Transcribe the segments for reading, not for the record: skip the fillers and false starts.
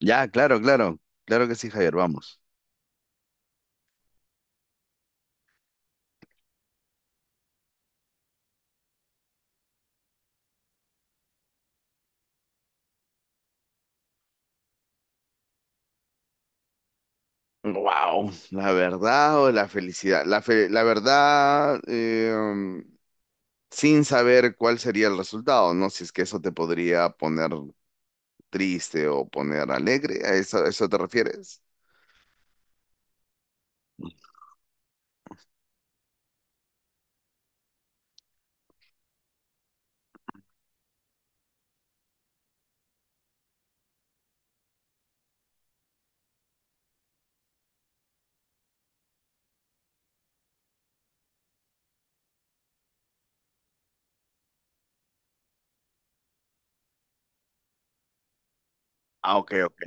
Ya, claro que sí, Javier, vamos. Wow, la verdad o la felicidad. La verdad, sin saber cuál sería el resultado, ¿no? Si es que eso te podría poner triste o poner alegre, ¿a eso te refieres? Ah, ok, ok.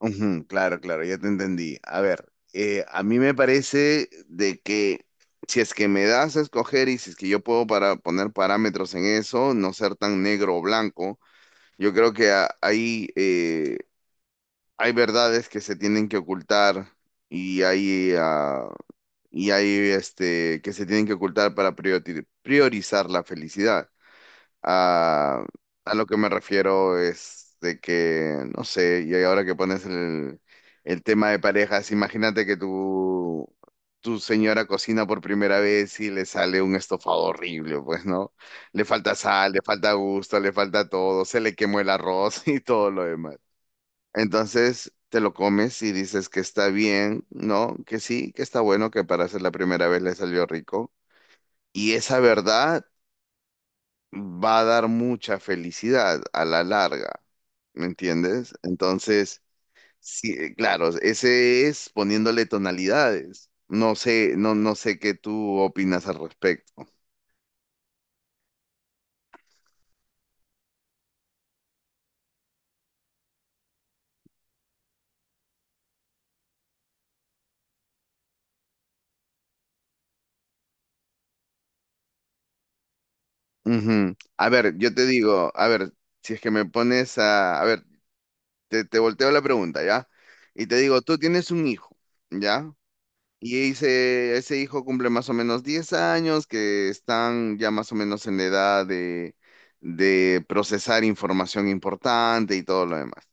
Ujú, claro, ya te entendí. A ver, a mí me parece de que si es que me das a escoger y si es que yo puedo para poner parámetros en eso, no ser tan negro o blanco. Yo creo que hay hay verdades que se tienen que ocultar y hay, ah, y hay que se tienen que ocultar para priorizar la felicidad. A, a lo que me refiero es de que, no sé, y ahora que pones el tema de parejas, imagínate que tu señora cocina por primera vez y le sale un estofado horrible, pues, ¿no? Le falta sal, le falta gusto, le falta todo, se le quemó el arroz y todo lo demás. Entonces te lo comes y dices que está bien, ¿no? Que sí, que está bueno, que para ser la primera vez le salió rico. Y esa verdad va a dar mucha felicidad a la larga, ¿me entiendes? Entonces, sí, claro, ese es poniéndole tonalidades. No sé, no sé qué tú opinas al respecto. Ujú. A ver, yo te digo, a ver, si es que me pones a ver, te volteo la pregunta, ¿ya? Y te digo, tú tienes un hijo, ¿ya? Y ese hijo cumple más o menos 10 años, que están ya más o menos en la edad de procesar información importante y todo lo demás.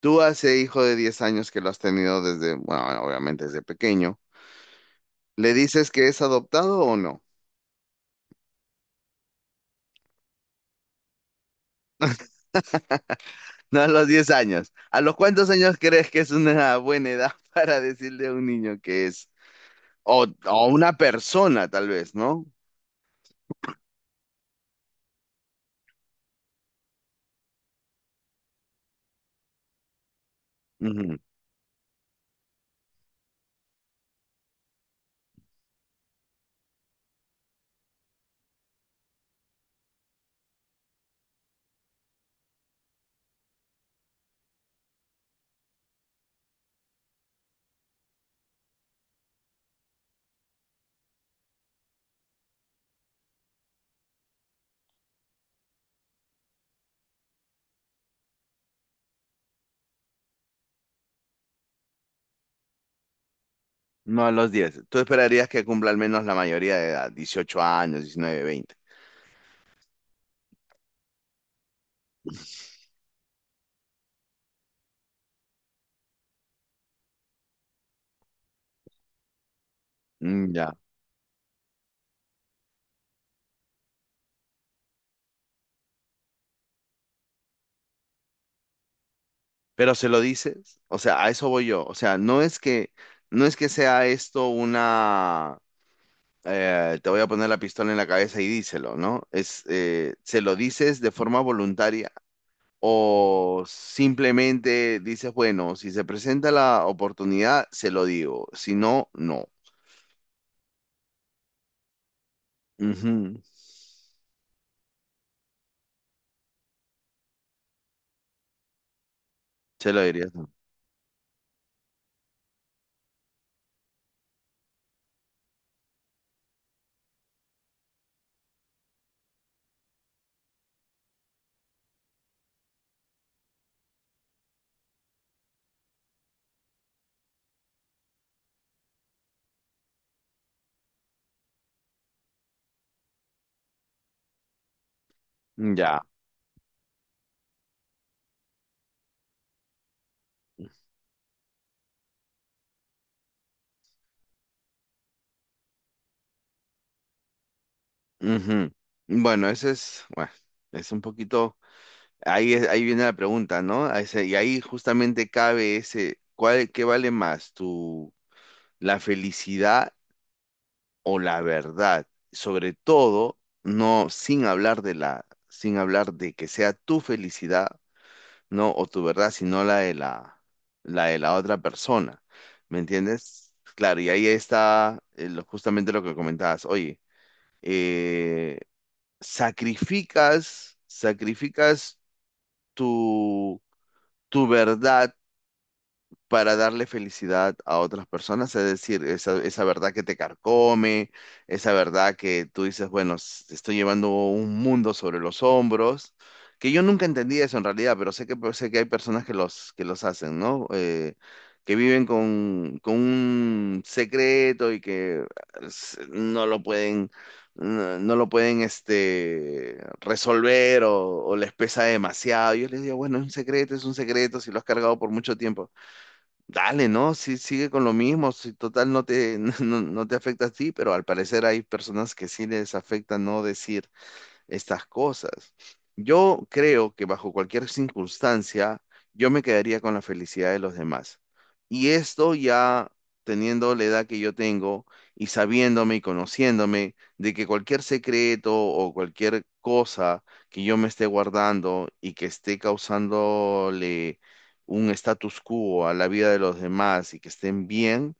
Tú a ese hijo de 10 años que lo has tenido desde, bueno, obviamente desde pequeño, ¿le dices que es adoptado o no? No a los 10 años. ¿A los cuántos años crees que es una buena edad para decirle a un niño que es, o una persona tal vez, ¿no? No a los 10. Tú esperarías que cumpla al menos la mayoría de edad, ¿dieciocho años, diecinueve, veinte? Mm, ya. Pero se lo dices, o sea, a eso voy yo. O sea, no es que sea esto una, te voy a poner la pistola en la cabeza y díselo, ¿no? Es, se lo dices de forma voluntaria o simplemente dices, bueno, si se presenta la oportunidad, se lo digo. Si no, no. Ujú. Se lo dirías. Tú. Ya. Ujú. Bueno, ese es, bueno, es un poquito, ahí, ahí viene la pregunta, ¿no? Y ahí justamente cabe ese, ¿cuál, qué vale más, tu, la felicidad o la verdad? Sobre todo, no, sin hablar de la, sin hablar de que sea tu felicidad, ¿no? O tu verdad, sino la de la otra persona, ¿me entiendes? Claro, y ahí está justamente lo que comentabas, oye, eh, sacrificas tu, tu verdad para darle felicidad a otras personas, es decir, esa verdad que te carcome, esa verdad que tú dices, bueno, estoy llevando un mundo sobre los hombros, que yo nunca entendí eso en realidad, pero sé que, pues, sé que hay personas que los hacen, ¿no? Que viven con un secreto y que s- no lo pueden, no lo pueden resolver o les pesa demasiado. Yo les digo, bueno, es un secreto, si lo has cargado por mucho tiempo. Dale, ¿no? Sí, sigue con lo mismo. Si total no te afecta a ti, pero al parecer hay personas que sí les afecta no decir estas cosas. Yo creo que bajo cualquier circunstancia, yo me quedaría con la felicidad de los demás. Y esto ya teniendo la edad que yo tengo y sabiéndome y conociéndome de que cualquier secreto o cualquier cosa que yo me esté guardando y que esté causándole un status quo a la vida de los demás y que estén bien,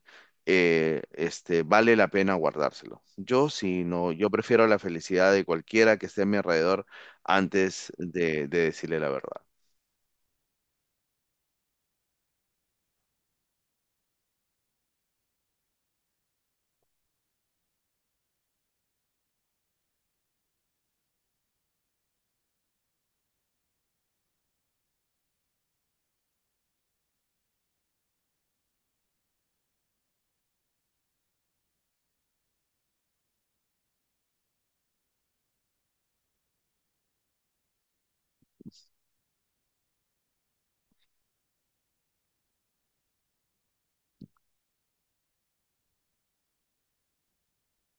vale la pena guardárselo. Yo sí, no, yo prefiero la felicidad de cualquiera que esté a mi alrededor antes de decirle la verdad.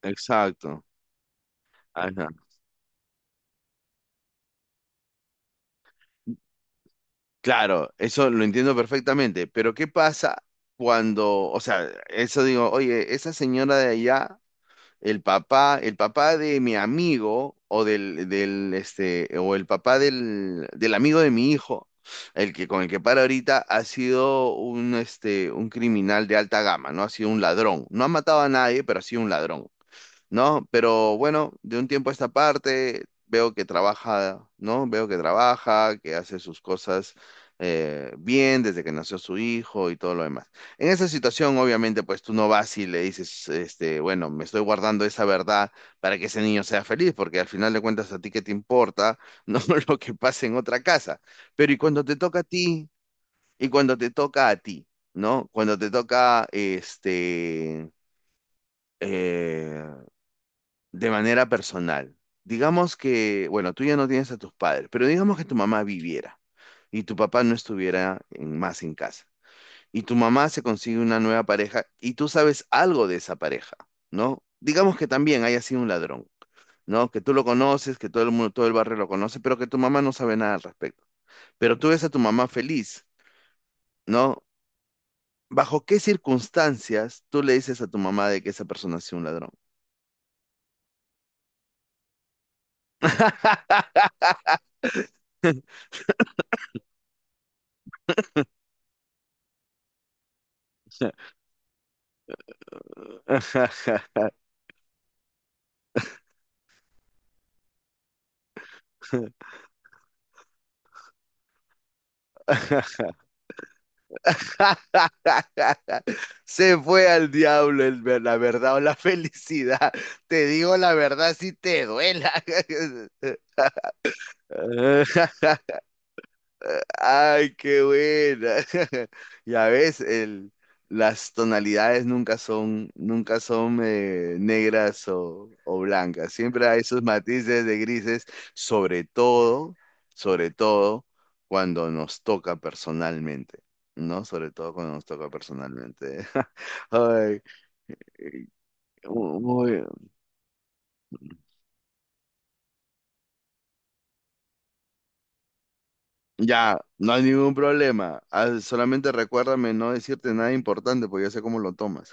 Exacto. Ajá. Claro, eso lo entiendo perfectamente, pero ¿qué pasa cuando, o sea, eso digo, oye, esa señora de allá, el papá de mi amigo o del o el papá del amigo de mi hijo, el que con el que para ahorita ha sido un criminal de alta gama, ¿no? Ha sido un ladrón. No ha matado a nadie, pero ha sido un ladrón. ¿No? Pero bueno, de un tiempo a esta parte veo que trabaja, ¿no? Veo que trabaja, que hace sus cosas, bien desde que nació su hijo y todo lo demás. En esa situación, obviamente, pues tú no vas y le dices, bueno, me estoy guardando esa verdad para que ese niño sea feliz, porque al final de cuentas a ti qué te importa, no lo que pase en otra casa. Pero y cuando te toca a ti, ¿no? Cuando te toca, este... eh, de manera personal. Digamos que, bueno, tú ya no tienes a tus padres, pero digamos que tu mamá viviera y tu papá no estuviera más en casa. Y tu mamá se consigue una nueva pareja y tú sabes algo de esa pareja, ¿no? Digamos que también haya sido un ladrón, ¿no? Que tú lo conoces, que todo el mundo, todo el barrio lo conoce, pero que tu mamá no sabe nada al respecto. Pero tú ves a tu mamá feliz, ¿no? ¿Bajo qué circunstancias tú le dices a tu mamá de que esa persona ha sido un ladrón? Se fue al diablo la verdad o la felicidad. Te digo la verdad si te duela. Ay, qué buena. Ya ves, el, las tonalidades nunca son, nunca son negras o blancas. Siempre hay sus matices de grises, sobre todo, sobre todo cuando nos toca personalmente, ¿no? Sobre todo cuando nos toca personalmente. Ay, mu- muy- ya, no hay ningún problema. Ah, solamente recuérdame no decirte nada importante, porque yo sé cómo lo tomas.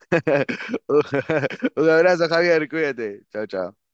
Un abrazo, Javier, cuídate. Chao, chao.